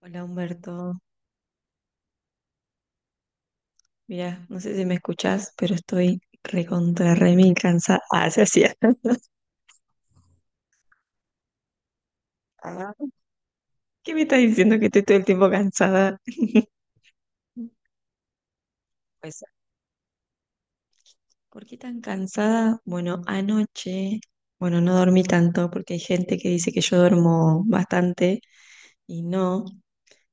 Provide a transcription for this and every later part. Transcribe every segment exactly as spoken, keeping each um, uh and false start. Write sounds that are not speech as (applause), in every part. Hola Humberto, mira, no sé si me escuchás, pero estoy recontra re mil cansada. (laughs) Ah, se hacía. Ah. ¿Qué me estás diciendo que estoy todo el tiempo cansada? Pues, ¿por qué tan cansada? Bueno, anoche, bueno, no dormí tanto porque hay gente que dice que yo duermo bastante y no,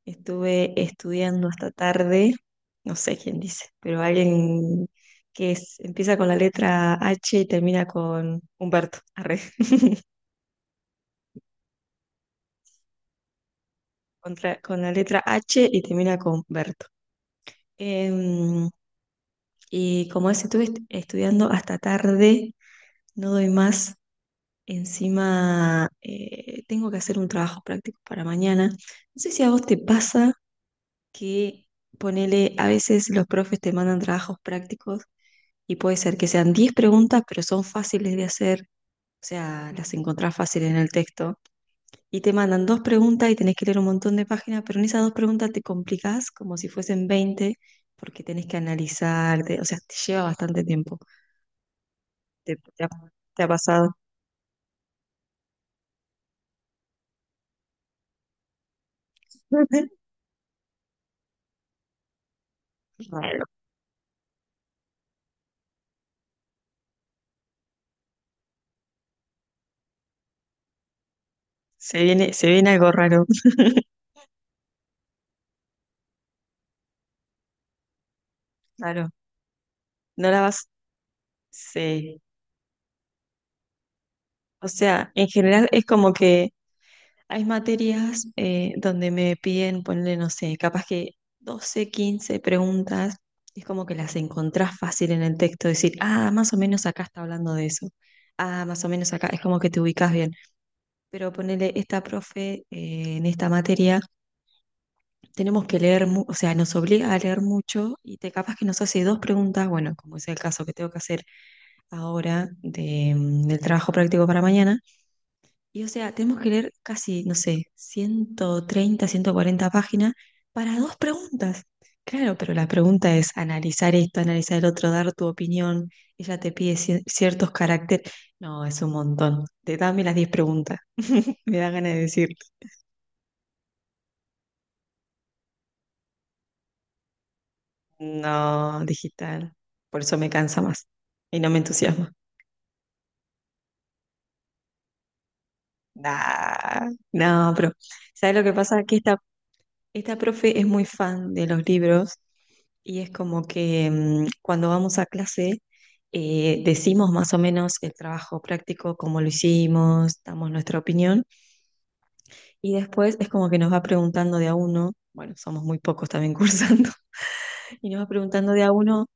estuve estudiando hasta tarde, no sé quién dice, pero alguien que es- empieza con la letra H y termina con Humberto. Contra- con la letra H y termina con Berto. Em, y como es, estuve est- estudiando hasta tarde, no doy más. Encima, eh, tengo que hacer un trabajo práctico para mañana. No sé si a vos te pasa que ponele, a veces los profes te mandan trabajos prácticos y puede ser que sean diez preguntas, pero son fáciles de hacer, o sea, las encontrás fácil en el texto y te mandan dos preguntas y tenés que leer un montón de páginas, pero en esas dos preguntas te complicás como si fuesen veinte porque tenés que analizar, te- o sea, te lleva bastante tiempo. ¿Te, te ha, te ha pasado? (laughs) Raro. Se viene, se viene algo raro. Claro. No la vas. Sí. O sea, en general es como que hay materias eh, donde me piden ponerle, no sé, capaz que doce, quince preguntas, y es como que las encontrás fácil en el texto, decir, ah, más o menos acá está hablando de eso, ah, más o menos acá, es como que te ubicás bien. Pero ponerle esta profe eh, en esta materia, tenemos que leer, mu- o sea, nos obliga a leer mucho y te capaz que nos hace dos preguntas, bueno, como es el caso que tengo que hacer ahora de, mm, del trabajo práctico para mañana y o sea, tenemos que leer casi, no sé, ciento treinta ciento cuarenta páginas para dos preguntas. Claro, pero la pregunta es analizar esto, analizar el otro, dar tu opinión. Ella te pide ci- ciertos caracteres. No, es un montón. Te dame las diez preguntas. Me da ganas de decir, no, digital. Por eso me cansa más y no me entusiasma. Nah, no, pero ¿sabes lo que pasa? Que esta, esta profe es muy fan de los libros. Y es como que mm, cuando vamos a clase eh, decimos más o menos el trabajo práctico, cómo lo hicimos, damos nuestra opinión y después es como que nos va preguntando de a uno, bueno, somos muy pocos también (laughs) cursando, y nos va preguntando de a uno,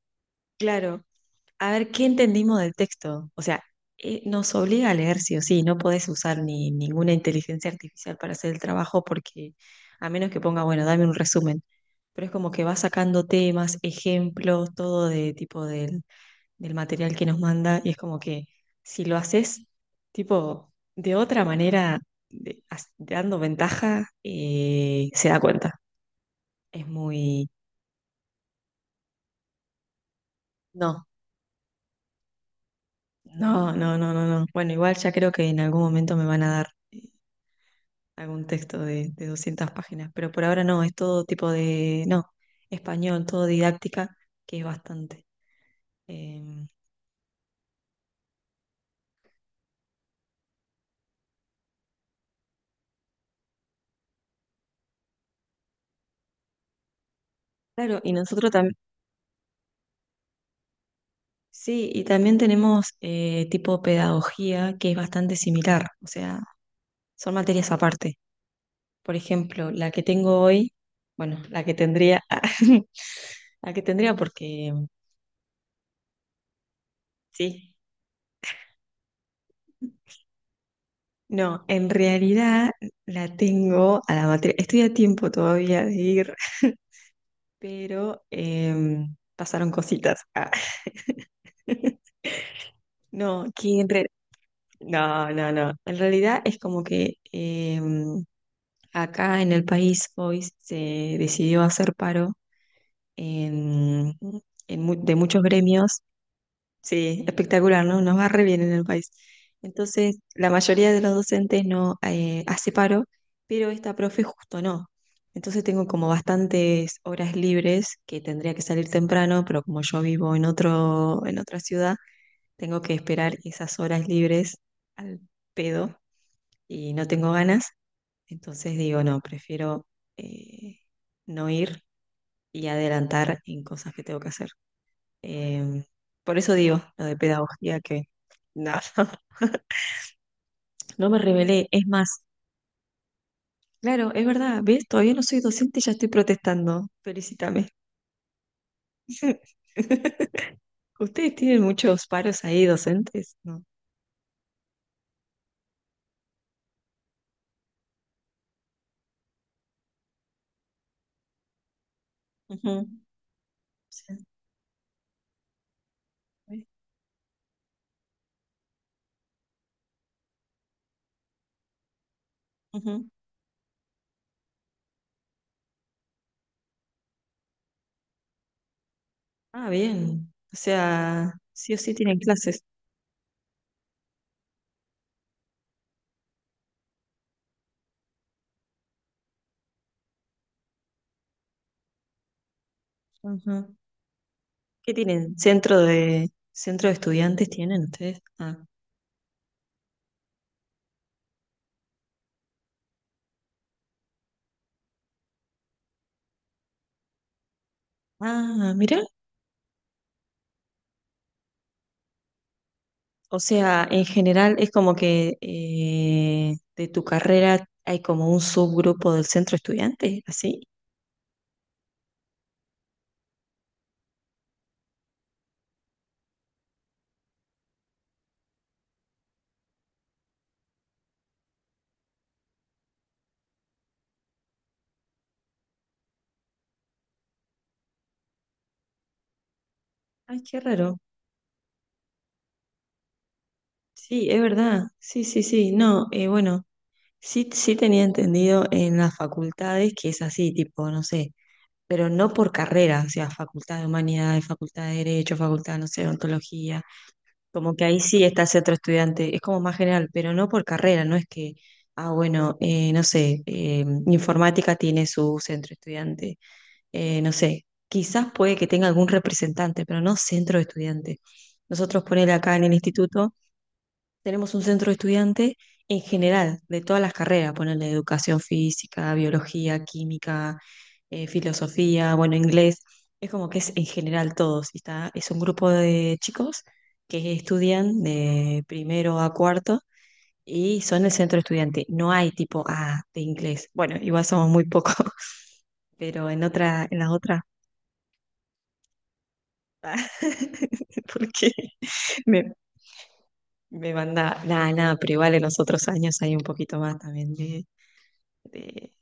claro, a ver qué entendimos del texto. O sea, eh, nos obliga a leer sí o sí, no podés usar ni ninguna inteligencia artificial para hacer el trabajo porque a menos que ponga, bueno, dame un resumen, pero es como que va sacando temas, ejemplos, todo de tipo del del material que nos manda y es como que si lo haces tipo de otra manera, de- as- dando ventaja, eh, se da cuenta. Es muy. No, no, no, no, no, no. Bueno, igual ya creo que en algún momento me van a dar algún texto de, de doscientas páginas, pero por ahora no, es todo tipo de. No, español, todo didáctica, que es bastante. Em, claro, y nosotros también. Sí, y también tenemos eh, tipo pedagogía que es bastante similar, o sea, son materias aparte. Por ejemplo, la que tengo hoy, bueno, la que tendría, (laughs) la que tendría porque sí. No, en realidad la tengo a la materia. Estoy a tiempo todavía de ir, pero em, pasaron cositas. Ah. (laughs) No, que en re- no, no, no. En realidad es como que em, acá en el país hoy se decidió hacer paro en, en mu- de muchos gremios. Sí, espectacular, ¿no? Nos va re bien en el país. Entonces, la mayoría de los docentes no eh, hace paro, pero esta profe justo no. Entonces tengo como bastantes horas libres que tendría que salir temprano, pero como yo vivo en otro, en otra ciudad, tengo que esperar esas horas libres al pedo y no tengo ganas. Entonces digo, no, prefiero eh, no ir y adelantar en cosas que tengo que hacer. Em, por eso digo lo de pedagogía que nada, (laughs) no me rebelé. Es más, claro, es verdad, ¿ves? Todavía no soy docente y ya estoy protestando. Felicítame. (laughs) ¿Ustedes tienen muchos paros ahí docentes? No. Ujú. Sí. Ujú. Ah, bien. O sea, sí o sí tienen clases. Ujú. ¿Qué tienen? ¿Centro de centro de estudiantes tienen ustedes? Ah, ah, mirá. O sea, en general es como que eh, de tu carrera hay como un subgrupo del centro estudiante, ¿así? Ay, qué raro. Sí, es verdad. Sí, sí, sí. No, eh, bueno, sí, sí tenía entendido en las facultades que es así, tipo, no sé, pero no por carrera, o sea, facultad de humanidades, facultad de derecho, facultad, no sé, de ontología. Como que ahí sí está ese otro estudiante, es como más general, pero no por carrera, no es que, ah, bueno, eh, no sé, eh, informática tiene su centro estudiante, eh, no sé, quizás puede que tenga algún representante, pero no centro de estudiante. Nosotros ponele acá en el instituto tenemos un centro de estudiante en general, de todas las carreras, ponerle educación física, biología, química, eh, filosofía, bueno, inglés. Es como que es en general todos. Y está, es un grupo de chicos que estudian de primero a cuarto y son el centro estudiante. No hay tipo A de inglés. Bueno, igual somos muy pocos, (laughs) pero en otra, en las otras. (laughs) Porque me, me manda, nada, nada, pero igual en los otros años hay un poquito más también de, de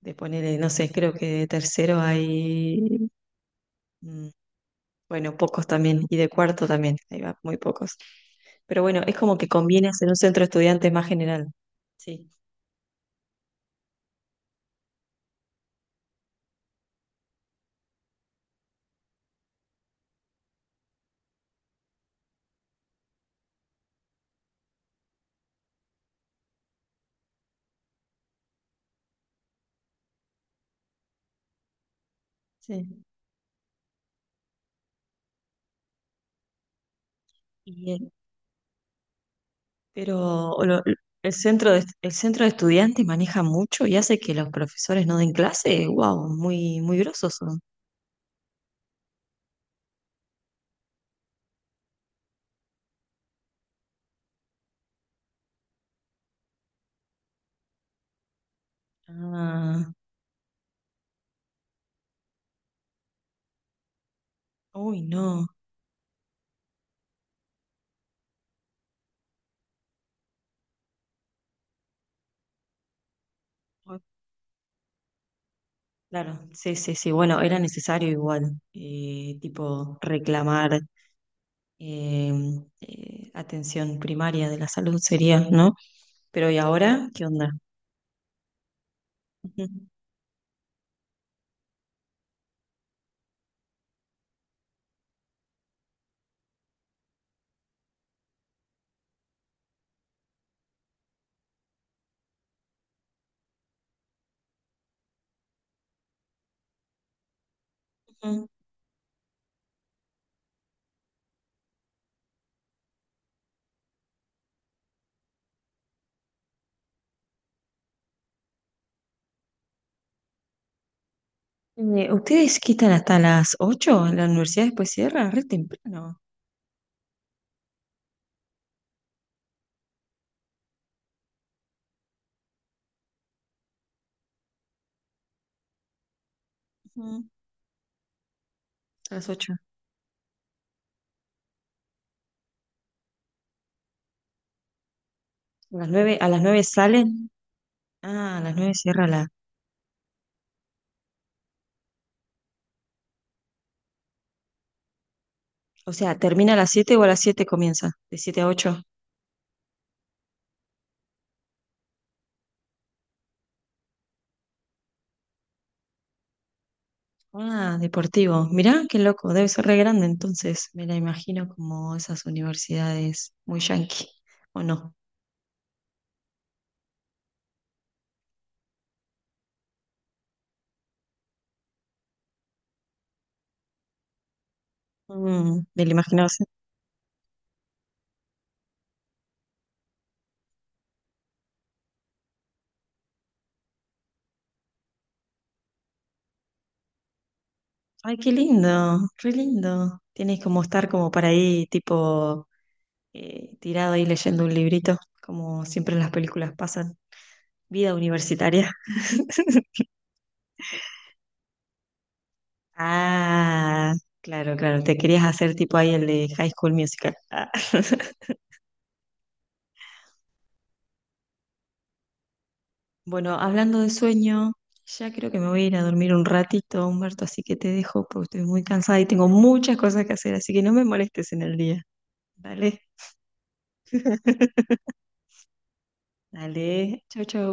de poner, no sé, creo que de tercero hay, mm, bueno, pocos también, y de cuarto también, ahí va, muy pocos. Pero bueno, es como que conviene hacer un centro de estudiantes más general. Sí, sí. Y, eh, pero lo- el centro de, el centro de estudiantes maneja mucho y hace que los profesores no den clase. Wow, muy, muy grosos son. Ah, uy, no. Claro, sí, sí, sí. Bueno, era necesario igual, eh, tipo, reclamar eh, eh, atención primaria de la salud sería, ¿no? Pero ¿y ahora qué onda? Ujú, ujú. Eh, ¿ustedes quitan hasta las ocho? ¿La universidad después cierra? Re temprano. Ujú. A las ocho. ¿A las nueve, a las nueve salen? Ah, a las nueve cierra la. O sea, ¿termina a las siete o a las siete comienza? De siete a ocho. Ah, deportivo. Mirá, qué loco. Debe ser re grande entonces. Me la imagino como esas universidades muy yanqui, ¿o no? Mm, me la imagino. Ay, qué lindo, re lindo. Tienes como estar como para ahí, tipo, eh, tirado ahí leyendo un librito, como siempre en las películas pasan. Vida universitaria. (laughs) Ah, claro, claro. Te querías hacer tipo ahí el de High School Musical. Ah. (laughs) Bueno, hablando de sueño, ya creo que me voy a ir a dormir un ratito, Humberto, así que te dejo porque estoy muy cansada y tengo muchas cosas que hacer, así que no me molestes en el día. Dale, (laughs) dale. Chau, chau.